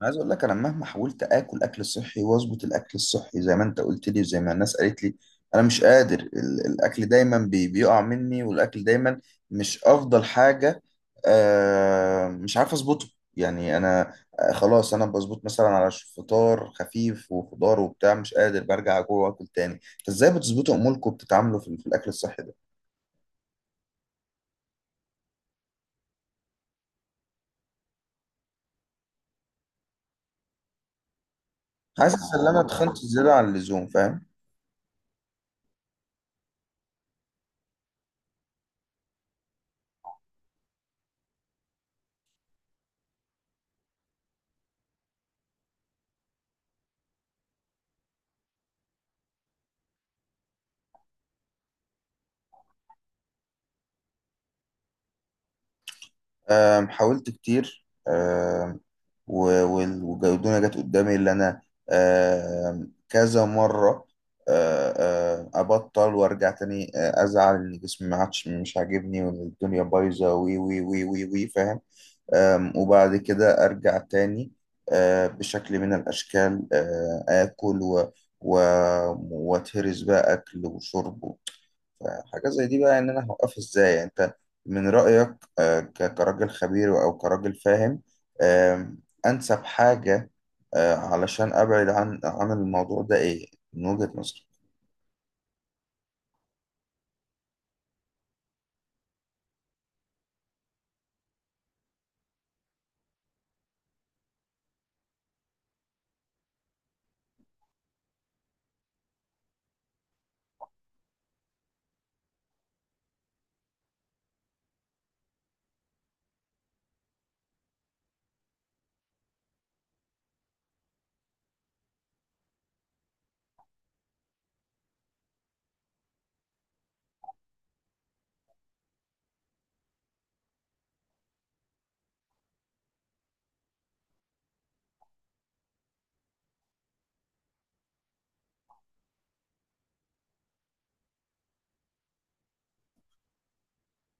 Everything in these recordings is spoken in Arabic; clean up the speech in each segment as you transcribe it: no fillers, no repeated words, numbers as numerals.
أنا عايز اقول لك انا مهما حاولت اكل اكل صحي، واظبط الاكل الصحي زي ما انت قلت لي وزي ما الناس قالت لي. انا مش قادر الاكل دايما بيقع مني، والاكل دايما مش افضل حاجة. مش عارف اظبطه، يعني انا. خلاص انا بظبط مثلا على فطار خفيف وخضار وبتاع، مش قادر برجع جوه واكل تاني. فازاي بتظبطوا اموركم، بتتعاملوا في الاكل الصحي ده؟ حاسس ان انا اتخنت زيادة عن اللزوم، فاهم؟ حاولت كتير، والجدولة جت قدامي اللي أنا كذا مرة. أه، أه، أبطل وأرجع تاني، أزعل إن جسمي ما عادش مش عاجبني، وإن الدنيا بايظة، وي وي وي وي وي، فاهم؟ وبعد كده أرجع تاني، بشكل من الأشكال آكل و وأتهرس بقى أكل وشرب. فحاجات زي دي بقى، ان انا هوقفها ازاي، يعني انت من رأيك كراجل خبير او كراجل فاهم، آم، انسب حاجة علشان ابعد عن الموضوع ده ايه، من وجهة نظرك؟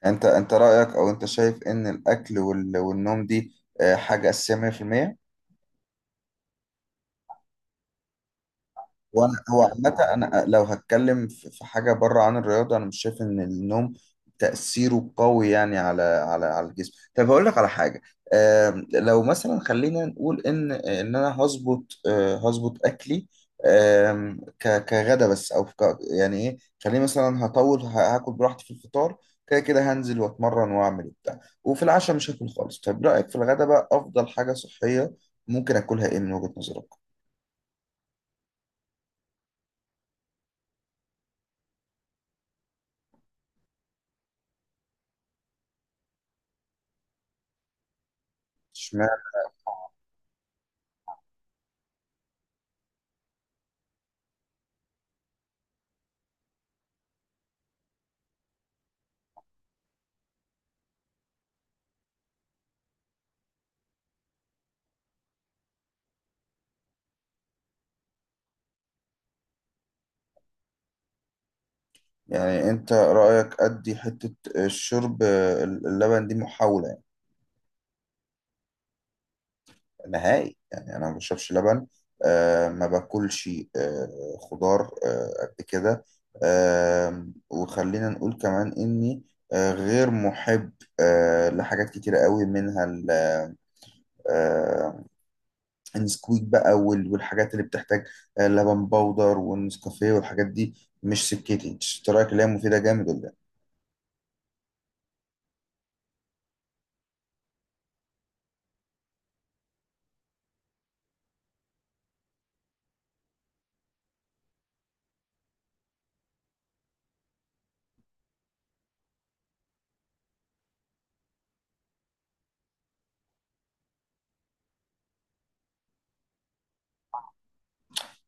يعني انت رأيك، او انت شايف ان الاكل والنوم دي حاجة اساسية 100%؟ وانا هو عامة، انا لو هتكلم في حاجة بره عن الرياضة، انا مش شايف ان النوم تأثيره قوي، يعني على الجسم. طب هقول لك على حاجة. لو مثلا خلينا نقول ان انا هظبط اكلي، كغدا بس او يعني ايه. خليني مثلا هطول هاكل براحتي في الفطار، كده كده هنزل واتمرن واعمل وبتاع، وفي العشاء مش هاكل خالص. طب رأيك في الغدا بقى، افضل حاجة صحية ممكن اكلها ايه من وجهة نظرك؟ يعني انت رأيك ادي حتة الشرب اللبن دي محاولة يعني. نهائي، يعني انا ما بشربش لبن. ما باكلش خضار قد كده. وخلينا نقول كمان اني غير محب لحاجات كتيرة قوي، منها آه النسكويك بقى والحاجات اللي بتحتاج لبن بودر، والنسكافيه والحاجات دي، مش سكتي. انت رأيك اللي هي مفيدة جامد ولا؟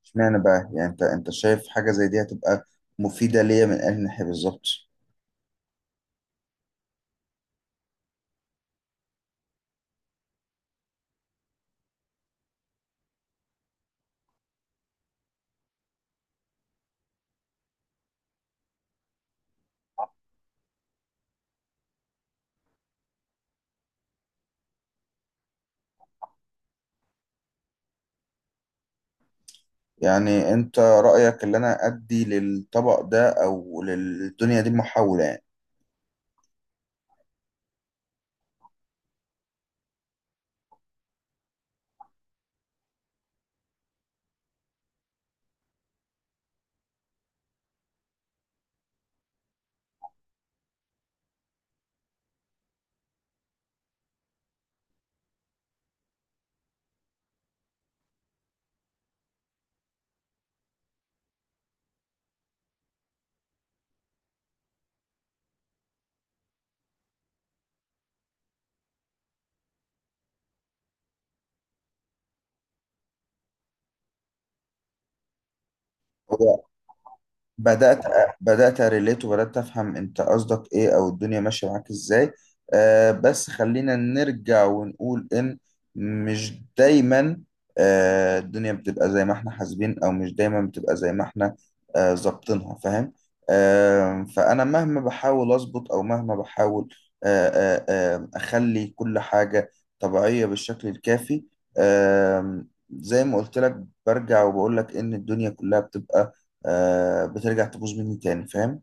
اشمعنى بقى، يعني انت شايف حاجة زي دي هتبقى مفيدة ليا من انهي ناحية بالظبط؟ يعني انت رأيك اللي انا ادي للطبق ده او للدنيا دي محاولة. يعني بدأت بدأت أريليت، وبدأت أفهم أنت قصدك إيه، أو الدنيا ماشية معاك إزاي. بس خلينا نرجع ونقول إن مش دايما الدنيا بتبقى زي ما إحنا حاسبين، أو مش دايما بتبقى زي ما إحنا ظابطينها، فاهم؟ فأنا مهما بحاول أظبط، أو مهما بحاول أخلي كل حاجة طبيعية بالشكل الكافي، آه زي ما قلت لك. برجع وبقول لك إن الدنيا كلها بتبقى، بترجع تبوظ مني تاني، فاهم؟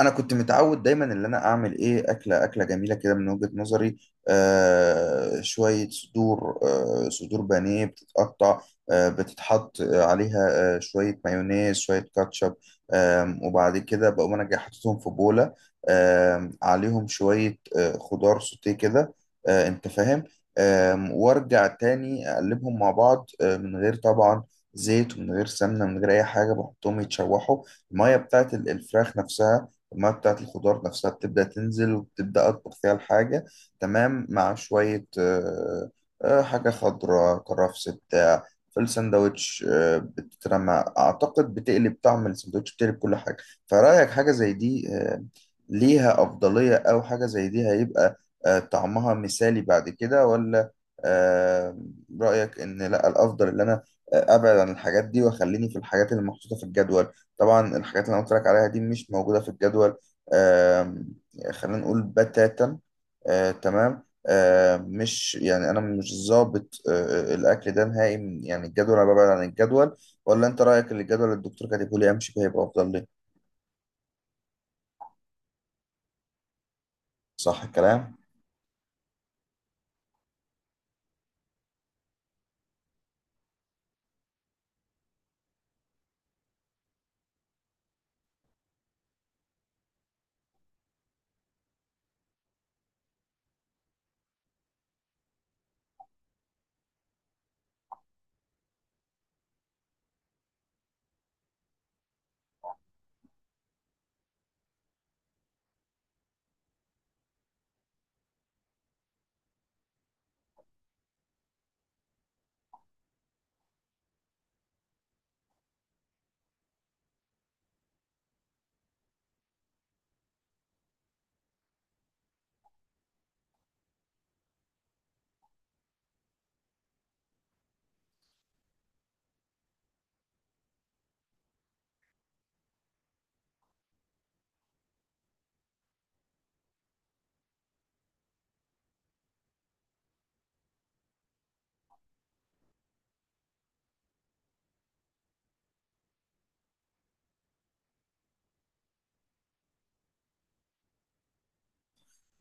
انا كنت متعود دايما ان انا اعمل ايه، اكله اكله جميله كده من وجهة نظري، شويه صدور، صدور بانيه بتتقطع، بتتحط عليها شويه مايونيز شويه كاتشب. وبعد كده بقوم انا جاي حاططهم في بوله، عليهم شويه خضار سوتيه كده، انت فاهم. وارجع تاني اقلبهم مع بعض، من غير طبعا زيت، ومن غير سمنه، من غير اي حاجه، بحطهم يتشوحوا. الميه بتاعت الفراخ نفسها، المية بتاعت الخضار نفسها بتبدأ تنزل، وبتبدأ أطبخ فيها الحاجة، تمام، مع شوية حاجة خضراء، كرفس بتاع. في الساندوتش بتترمى، أعتقد بتقلب طعم الساندوتش، بتقلب كل حاجة. فرأيك حاجة زي دي ليها أفضلية، أو حاجة زي دي هيبقى طعمها مثالي بعد كده، ولا آه، رأيك إن لأ، الأفضل إن أنا أبعد عن الحاجات دي، وأخليني في الحاجات اللي محطوطة في الجدول؟ طبعا الحاجات اللي انا قلت لك عليها دي مش موجوده في الجدول، آم، خلينا نقول بتاتا. تمام، مش يعني، انا مش ظابط الاكل ده نهائي، يعني الجدول، انا ببعد عن الجدول. ولا انت رايك ان الجدول اللي الدكتور كاتبه لي امشي بيه هيبقى افضل لي؟ صح الكلام.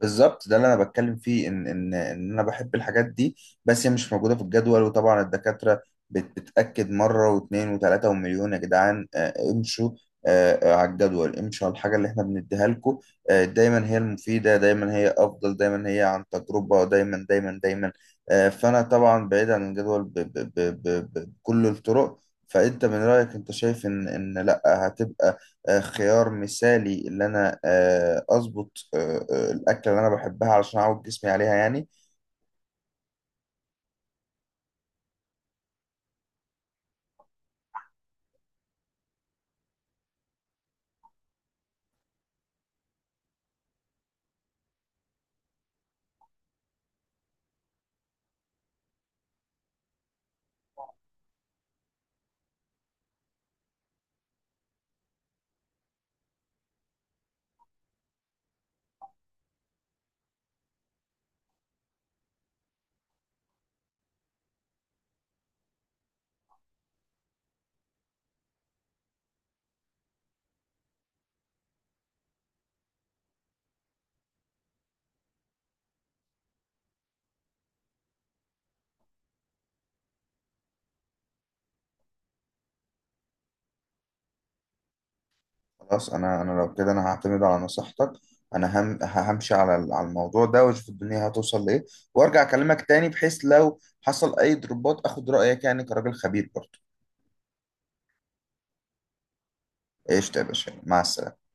بالظبط ده اللي انا بتكلم فيه، ان انا بحب الحاجات دي، بس هي مش موجوده في الجدول. وطبعا الدكاتره بتاكد مره واثنين وثلاثه ومليون: يا جدعان امشوا على الجدول، امشوا على الحاجه اللي احنا بنديها لكم، دايما هي المفيده، دايما هي افضل، دايما هي عن تجربه، دايما دايما دايما. فانا طبعا بعيد عن الجدول بكل الطرق. فانت من رايك، انت شايف ان لا، هتبقى خيار مثالي، اللي انا اظبط الاكله اللي انا بحبها علشان اعود جسمي عليها يعني؟ خلاص، انا لو كده انا هعتمد على نصيحتك. انا همشي على الموضوع ده، واشوف الدنيا هتوصل لايه، وارجع اكلمك تاني، بحيث لو حصل اي ضربات اخد رايك، يعني كراجل خبير برضه. ايش يا باشا، مع السلامه.